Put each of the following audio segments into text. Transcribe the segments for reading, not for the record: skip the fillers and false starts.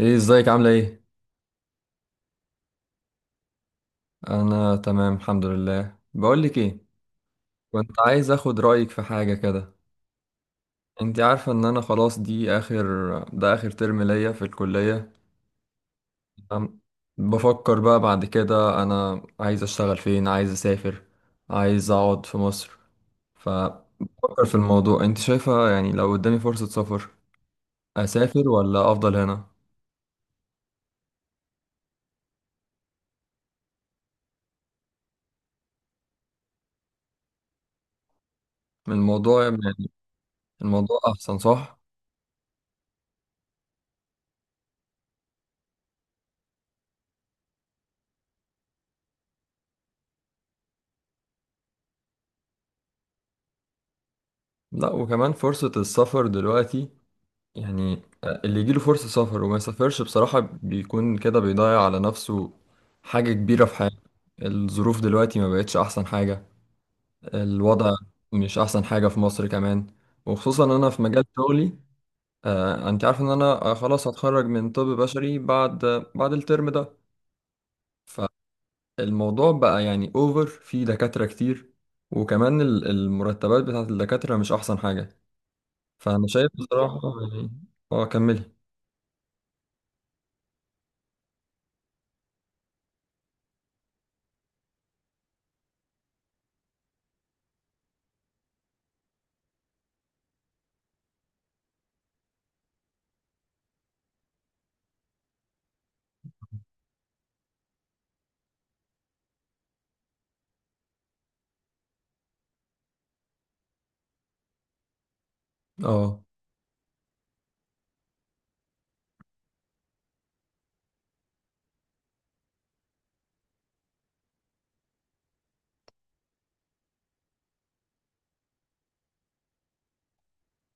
ايه ازيك، عاملة ايه؟ انا تمام الحمد لله. بقولك ايه، كنت عايز اخد رأيك في حاجة كده. انت عارفة ان انا خلاص دي اخر ده اخر ترم ليا في الكلية، تمام؟ بفكر بقى بعد كده، انا عايز اشتغل فين، عايز اسافر، عايز اقعد في مصر. فبفكر في الموضوع، انت شايفة يعني لو قدامي فرصة سفر، اسافر ولا افضل هنا؟ الموضوع يعني الموضوع احسن صح؟ لا، وكمان فرصة السفر دلوقتي، يعني اللي يجيله فرصة سفر وما يسافرش بصراحة بيكون كده بيضيع على نفسه حاجة كبيرة في حياته. الظروف دلوقتي ما بقتش أحسن حاجة، الوضع مش أحسن حاجة في مصر كمان، وخصوصا أنا في مجال شغلي. أنت عارف إن أنا خلاص هتخرج من طب بشري بعد بعد الترم ده. فالموضوع بقى يعني أوفر في دكاترة كتير، وكمان المرتبات بتاعت الدكاترة مش أحسن حاجة. فأنا شايف بصراحة، يعني، أه كملي. أه،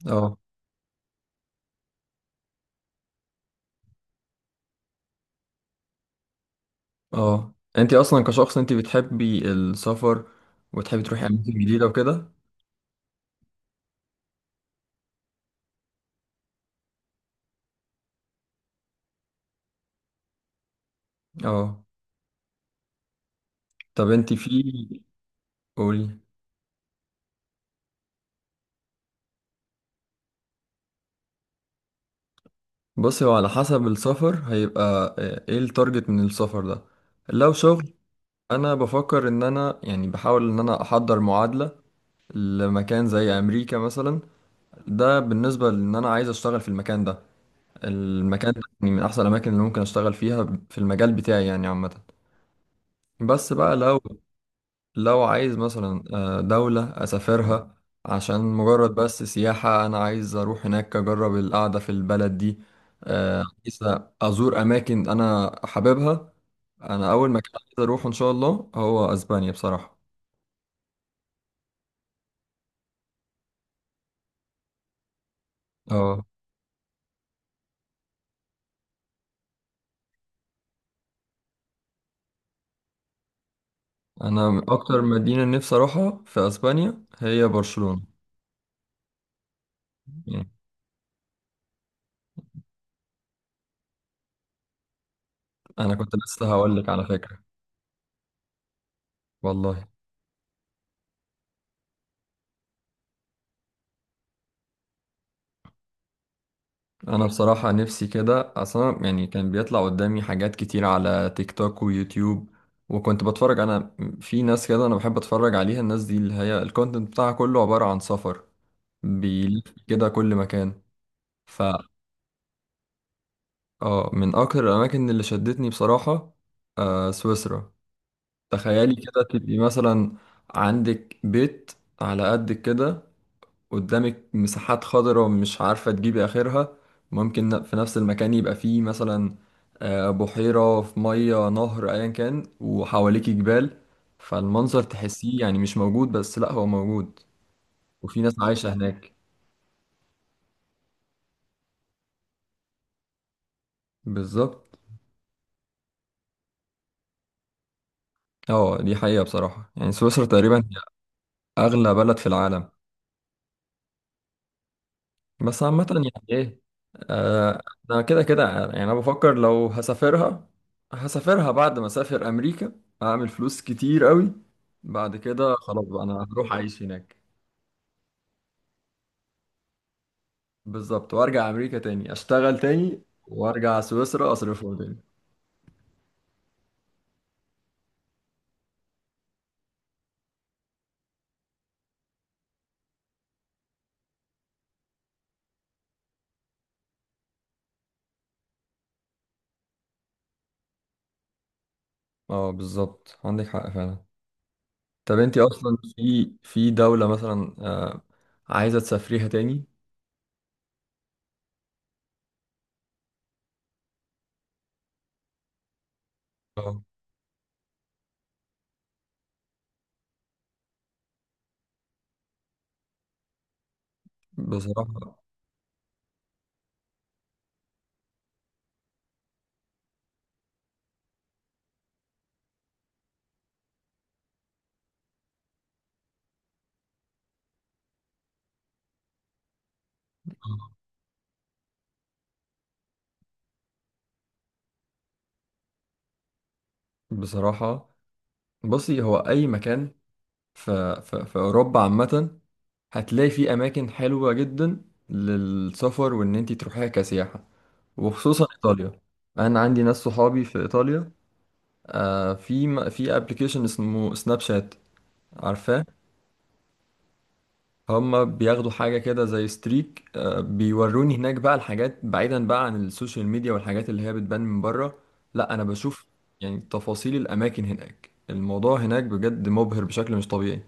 أه، اه، انت اصلا كشخص انت بتحبي السفر وتحبي تروحي اماكن جديده وكده. اه، طب انت في قولي. بصي، هو على حسب السفر. هيبقى ايه التارجت من السفر ده؟ لو شغل، انا بفكر ان انا، يعني، بحاول ان انا احضر معادله لمكان زي امريكا مثلا. ده بالنسبه لان انا عايز اشتغل في المكان ده. المكان ده يعني من احسن الاماكن اللي ممكن اشتغل فيها في المجال بتاعي، يعني، عامه. بس بقى لو، لو عايز مثلا دولة أسافرها عشان مجرد بس سياحة، أنا عايز أروح هناك أجرب القعدة في البلد دي. عايز أزور أماكن أنا حاببها. أنا أول مكان عايز أروحه إن شاء الله هو أسبانيا، بصراحة. أه. أنا أكتر مدينة نفسي أروحها في أسبانيا هي برشلونة، يعني. أنا كنت لسه هقولك على فكرة. والله، انا بصراحة نفسي كده اصلا، يعني كان بيطلع قدامي حاجات كتير على تيك توك ويوتيوب، وكنت بتفرج انا. في ناس كده انا بحب اتفرج عليها، الناس دي اللي هي الكونتنت بتاعها كله عبارة عن سفر، بيلف كده كل مكان. ف اه، من اكتر الاماكن اللي شدتني بصراحة سويسرا. تخيلي كده تبقي مثلا عندك بيت على قدك كده، قدامك مساحات خضراء مش عارفة تجيبي آخرها. ممكن في نفس المكان يبقى فيه مثلا بحيرة في مية نهر أيا كان، وحواليك جبال. فالمنظر تحسيه يعني مش موجود، بس لأ، هو موجود. وفي ناس عايشة هناك. بالظبط. اه، دي حقيقة بصراحة، يعني سويسرا تقريبا هي أغلى بلد في العالم. بس عامة يعني إيه، آه، أنا كده كده، يعني أنا بفكر لو هسافرها، هسافرها بعد ما أسافر أمريكا، أعمل فلوس كتير قوي، بعد كده خلاص بقى انا هروح اعيش هناك. بالظبط، وارجع امريكا تاني اشتغل تاني، وارجع سويسرا اصرفهم تاني. اه، بالظبط عندك حق فعلا. طب انتي اصلا، في في دولة مثلا عايزة تسافريها تاني؟ اه، بصراحة، بصراحة بصي هو أي مكان في, أوروبا، عامة هتلاقي فيه أماكن حلوة جدا للسفر، وإن أنتي تروحيها كسياحة، وخصوصا إيطاليا. أنا عندي ناس صحابي في إيطاليا. في في ابلكيشن اسمه سناب شات، عارفاه. هما بياخدوا حاجة كده زي ستريك، بيوروني هناك بقى الحاجات، بعيدا بقى عن السوشيال ميديا والحاجات اللي هي بتبان من بره. لا، انا بشوف يعني تفاصيل الاماكن هناك، الموضوع هناك بجد مبهر بشكل مش طبيعي.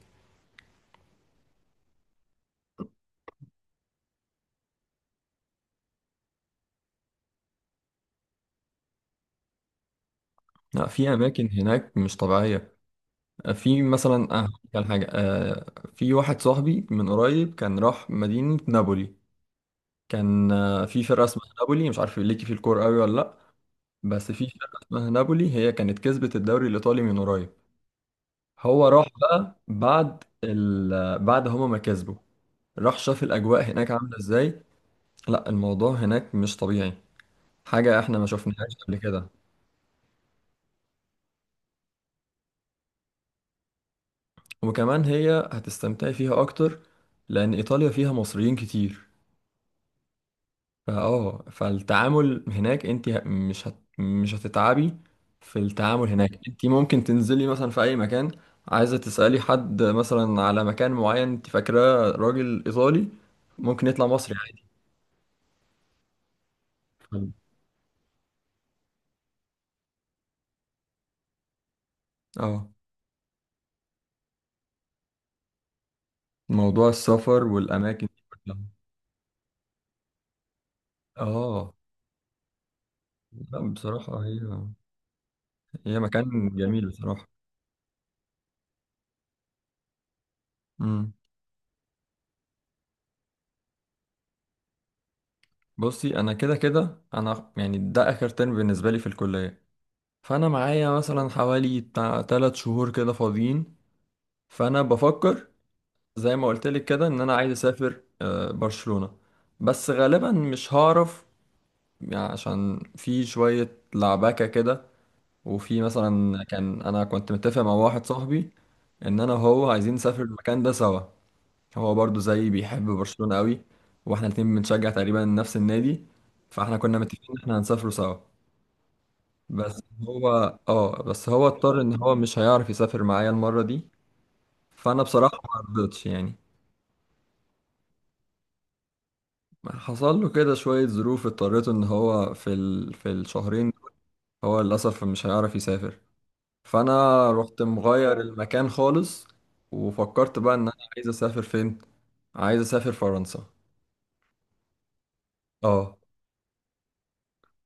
لا، في اماكن هناك مش طبيعية. في مثلا كان حاجة، في واحد صاحبي من قريب كان راح مدينة نابولي. كان في فرقة اسمها نابولي، مش عارف ليكي في الكورة قوي ولا لا، بس في فرقة اسمها نابولي، هي كانت كسبت الدوري الإيطالي من قريب. هو راح بقى بعد هما ما كسبوا، راح شاف الأجواء هناك عاملة إزاي. لا، الموضوع هناك مش طبيعي، حاجة إحنا ما شفناهاش قبل كده. وكمان هي هتستمتعي فيها أكتر، لأن إيطاليا فيها مصريين كتير. فالتعامل هناك، انت مش هتتعبي في التعامل هناك. انت ممكن تنزلي مثلا في اي مكان، عايزه تسالي حد مثلا على مكان معين، انت فاكراه راجل ايطالي، ممكن يطلع مصري عادي. اه، موضوع السفر والاماكن دي كلها. اه، لا بصراحه هي مكان جميل، بصراحه. امم بصي، انا كده كده، انا يعني ده اخر ترم بالنسبه لي في الكليه. فانا معايا مثلا حوالي بتاع 3 شهور كده فاضيين، فانا بفكر زي ما قلت لك كده، ان انا عايز اسافر برشلونة. بس غالبا مش هعرف، يعني عشان في شوية لعبكة كده. وفي مثلا كان، انا كنت متفق مع واحد صاحبي ان انا وهو عايزين نسافر المكان ده سوا. هو برضو زي بيحب برشلونة قوي، واحنا الاتنين بنشجع تقريبا نفس النادي، فاحنا كنا متفقين ان احنا هنسافروا سوا. بس هو، اضطر ان هو مش هيعرف يسافر معايا المرة دي. فانا بصراحة ما رضيتش، يعني حصل له كده شوية ظروف، اضطريته ان هو في الشهرين هو للأسف مش هيعرف يسافر. فانا رحت مغير المكان خالص، وفكرت بقى ان انا عايز اسافر فين. عايز اسافر فرنسا. اه.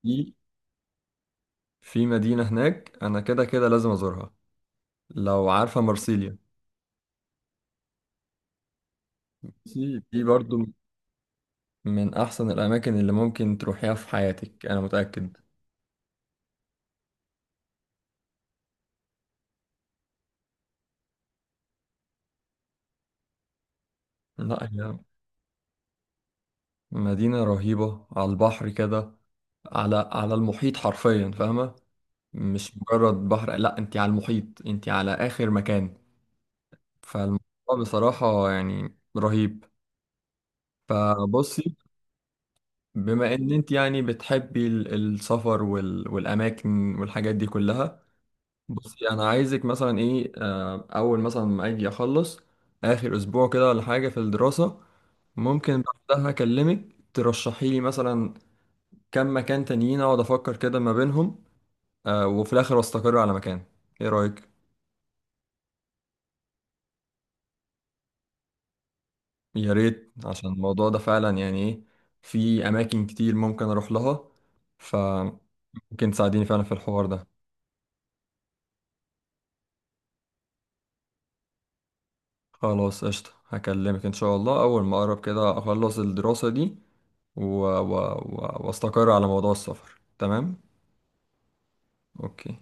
في مدينة هناك انا كده كده لازم ازورها، لو عارفة، مرسيليا. دي برضو من احسن الاماكن اللي ممكن تروحيها في حياتك، انا متأكد. لا، هي مدينة رهيبة على البحر كده، على المحيط حرفيا، فاهمة؟ مش مجرد بحر، لا انت على المحيط، انت على اخر مكان. فالموضوع بصراحة يعني رهيب. فبصي، بما ان انت يعني بتحبي السفر والاماكن والحاجات دي كلها، بصي انا عايزك مثلا ايه، اول مثلا ما اجي اخلص اخر اسبوع كده ولا حاجة في الدراسة، ممكن بعدها اكلمك ترشحي لي مثلا كم مكان تانيين، اقعد افكر كده ما بينهم، وفي الاخر استقر على مكان. ايه رأيك؟ يا ريت، عشان الموضوع ده فعلا يعني ايه، في اماكن كتير ممكن اروح لها، فممكن تساعديني فعلا في الحوار ده. خلاص، قشطة، هكلمك ان شاء الله اول ما اقرب كده اخلص الدراسة دي، و... و... و... واستقر على موضوع السفر. تمام. اوكي.